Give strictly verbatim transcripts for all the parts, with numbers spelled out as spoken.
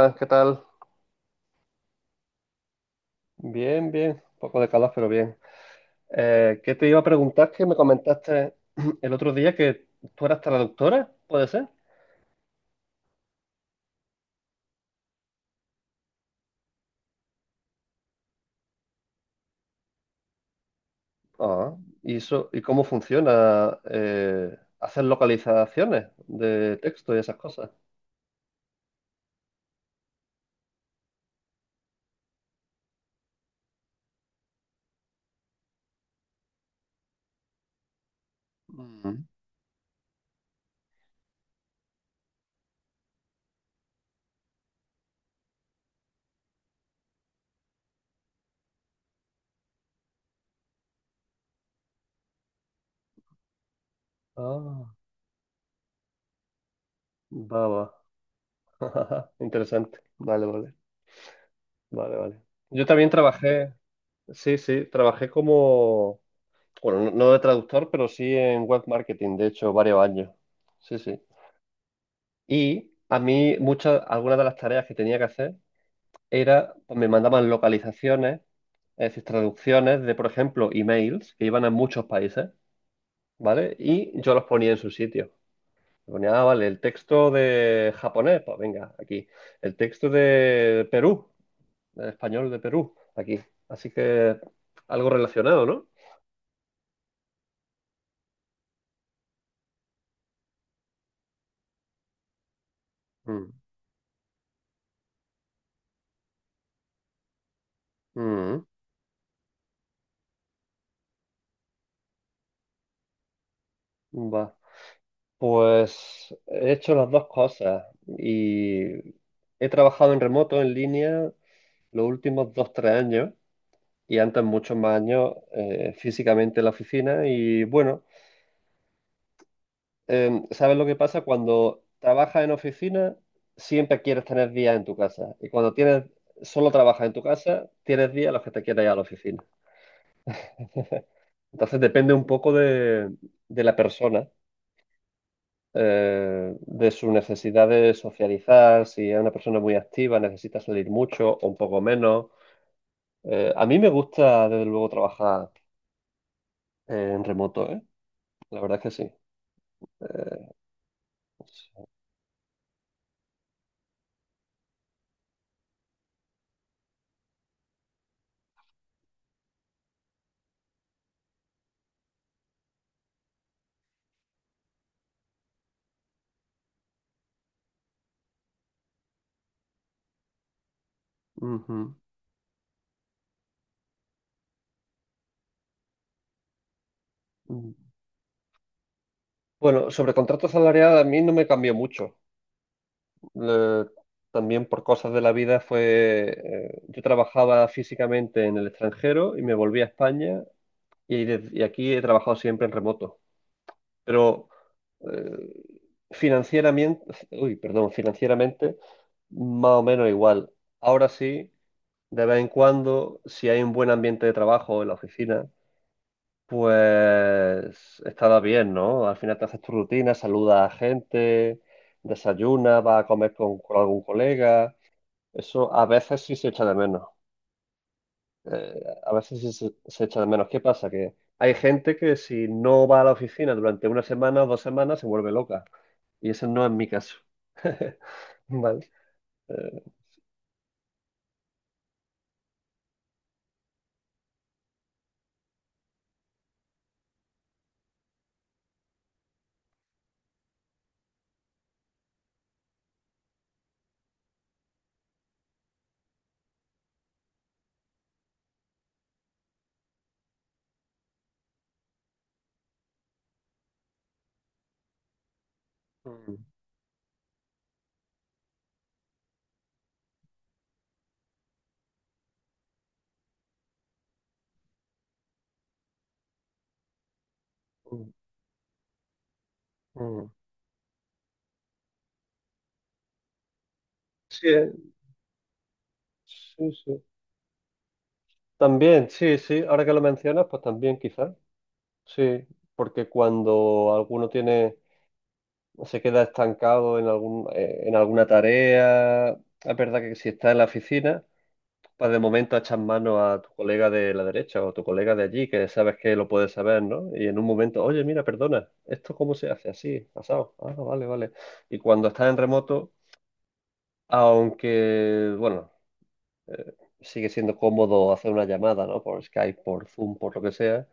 Hola, ¿qué tal? Bien, bien, un poco de calor, pero bien. Eh, ¿qué te iba a preguntar? Que me comentaste el otro día que tú eras traductora, ¿puede ser? Ah, ¿y eso, y cómo funciona? Eh, ¿hacer localizaciones de texto y esas cosas? Mm. Ah, va, va. Interesante. Vale, vale, vale, vale. Yo también trabajé, sí, sí, trabajé como, bueno, no no de traductor, pero sí en web marketing, de hecho, varios años. Sí, sí. Y a mí, muchas, algunas de las tareas que tenía que hacer era, pues me mandaban localizaciones, es decir, traducciones de, por ejemplo, emails que iban a muchos países, ¿vale? Y yo los ponía en su sitio. Ponía, ah, vale, el texto de japonés, pues venga, aquí. El texto de Perú, de español de Perú, aquí. Así que algo relacionado, ¿no? Mm, mm, va. Pues he hecho las dos cosas y he trabajado en remoto, en línea, los últimos dos, tres años y antes muchos más años eh, físicamente en la oficina. Y bueno, eh, ¿sabes lo que pasa? Cuando trabajas en oficina, siempre quieres tener días en tu casa. Y cuando tienes, solo trabajas en tu casa, tienes días en los que te quieres ir a la oficina. Entonces depende un poco de, de la persona. Eh, de su necesidad de socializar, si es una persona muy activa, necesita salir mucho o un poco menos. Eh, a mí me gusta, desde luego, trabajar eh, en remoto, ¿eh? La verdad es que sí. Ujú. Mm. Bueno, sobre contrato salarial a mí no me cambió mucho. Le- También por cosas de la vida fue, eh, yo trabajaba físicamente en el extranjero y me volví a España y, des- y aquí he trabajado siempre en remoto. Pero eh, financieramente, uy, perdón, financieramente más o menos igual. Ahora sí, de vez en cuando, si hay un buen ambiente de trabajo en la oficina, pues estaba bien, ¿no? Al final te haces tu rutina, saludas a gente, desayunas, vas a comer con, con algún colega. Eso a veces sí se echa de menos. Eh, a veces sí se, se echa de menos. ¿Qué pasa? Que hay gente que si no va a la oficina durante una semana o dos semanas se vuelve loca. Y ese no es mi caso. Vale. Eh, mm, mm, mm. Sí, eh, sí, sí. También, sí, sí. Ahora que lo mencionas, pues también quizás. Sí, porque cuando alguno tiene, se queda estancado en algún, eh, en alguna tarea, es verdad que si está en la oficina, pues de momento echas mano a tu colega de la derecha o tu colega de allí, que sabes que lo puedes saber, ¿no? Y en un momento, oye, mira, perdona, ¿esto cómo se hace? Así, pasado. Ah, vale, vale. Y cuando estás en remoto, aunque, bueno, sigue siendo cómodo hacer una llamada, ¿no? Por Skype, por Zoom, por lo que sea,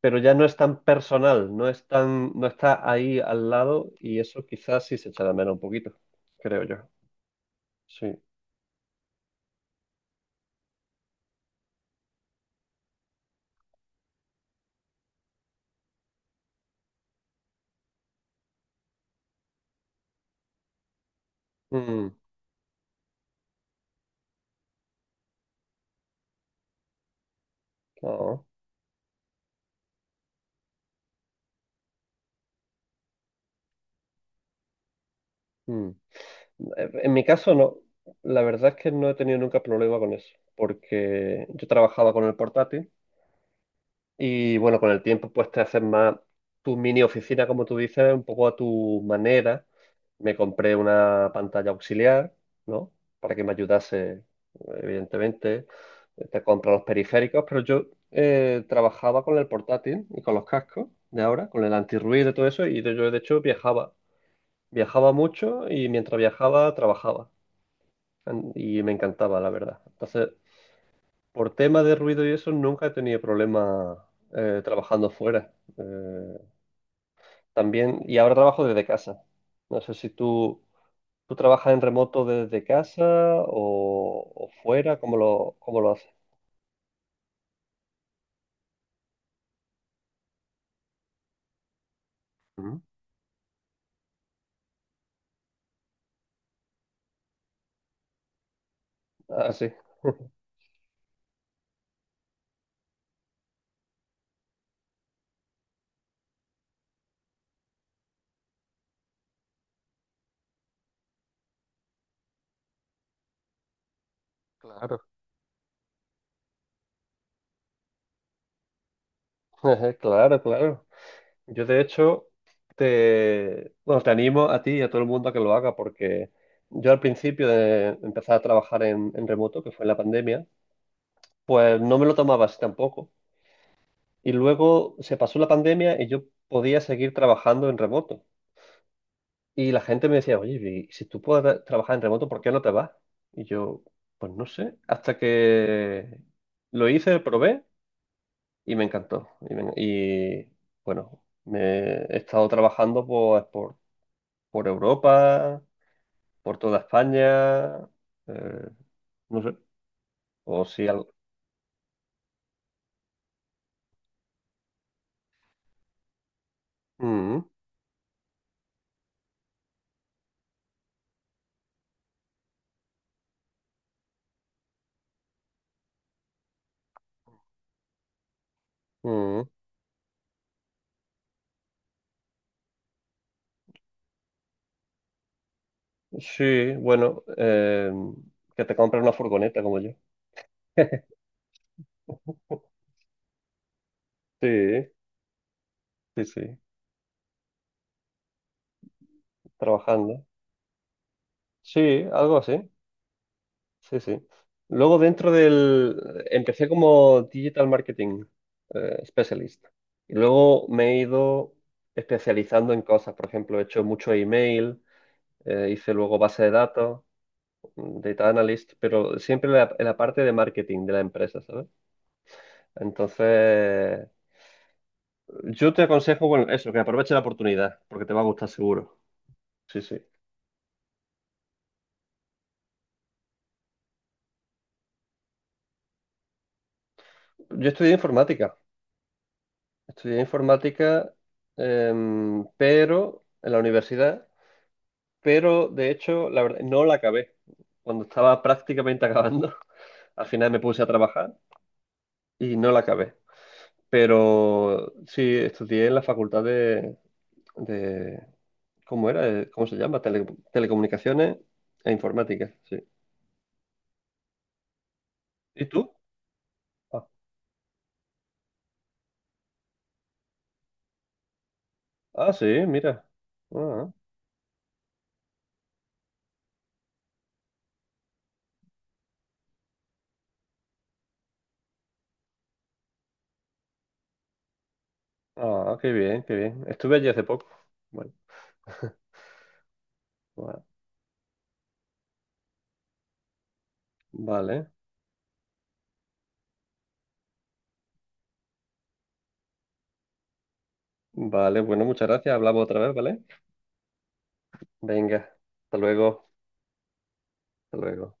pero ya no es tan personal, no es tan, no está ahí al lado y eso quizás sí se echa de menos un poquito, creo yo. Sí. Mm, no, mm. En en mi caso no, la verdad es que no he tenido nunca problema con eso, porque yo trabajaba con el portátil y bueno, con el tiempo pues te haces más tu mini oficina, como tú dices, un poco a tu manera. Me compré una pantalla auxiliar, ¿no? Para que me ayudase, evidentemente. Te compras los periféricos, pero yo eh, trabajaba con el portátil y con los cascos de ahora, con el antirruido y todo eso, y de- yo de hecho viajaba. Viajaba mucho y mientras viajaba trabajaba. En- Y me encantaba, la verdad. Entonces, por tema de ruido y eso, nunca he tenido problemas eh, trabajando fuera. Eh, también, y ahora trabajo desde casa. No sé si tú. ¿Tú trabajas en remoto desde casa o, o fuera? ¿Cómo lo, cómo lo haces? Ujú, ah, sí. Claro. Ejé, claro, claro. Yo de hecho te, bueno, te animo a ti y a todo el mundo a que lo haga porque yo al principio de empezar a trabajar en, en remoto, que fue en la pandemia, pues no me lo tomaba así tampoco. Y luego se pasó la pandemia y yo podía seguir trabajando en remoto. Y la gente me decía, oye, y si tú puedes ver- trabajar en remoto, ¿por qué no te vas? Y yo, pues no sé, hasta que lo hice, probé y me encantó. Y, me- y, bueno, me he estado trabajando pues, por, por Europa, por toda España, eh, no sé, o si algo. Mm, mm. Sí, bueno, eh, que te compre una furgoneta como yo. Sí, sí, sí, trabajando. Sí, algo así. Sí, sí. Luego dentro del. Empecé como Digital Marketing eh, Specialist. Y luego me he ido especializando en cosas. Por ejemplo, he hecho mucho email, eh, hice luego base de datos, mm, Data Analyst, pero siempre en la- en la parte de marketing de la empresa, ¿sabes? Entonces, yo te aconsejo, bueno, eso, que aproveche la oportunidad, porque te va a gustar seguro. Sí, sí. Yo estudié informática. Estudié informática, em, pero en la universidad. Pero de hecho, la verdad, no la acabé. Cuando estaba prácticamente acabando, al final me puse a trabajar y no la acabé. Pero sí, estudié en la facultad de, de- ¿cómo era? Eh, ¿Cómo se llama? Tele- telecomunicaciones e informática, sí. ¿Y tú? Ah, ah, sí, mira. Ah, ah, qué bien, qué bien. Estuve allí hace poco. Bueno, va- vale, vale, bueno, muchas gracias. Hablamos otra vez, ¿vale? Venga, hasta luego, hasta luego.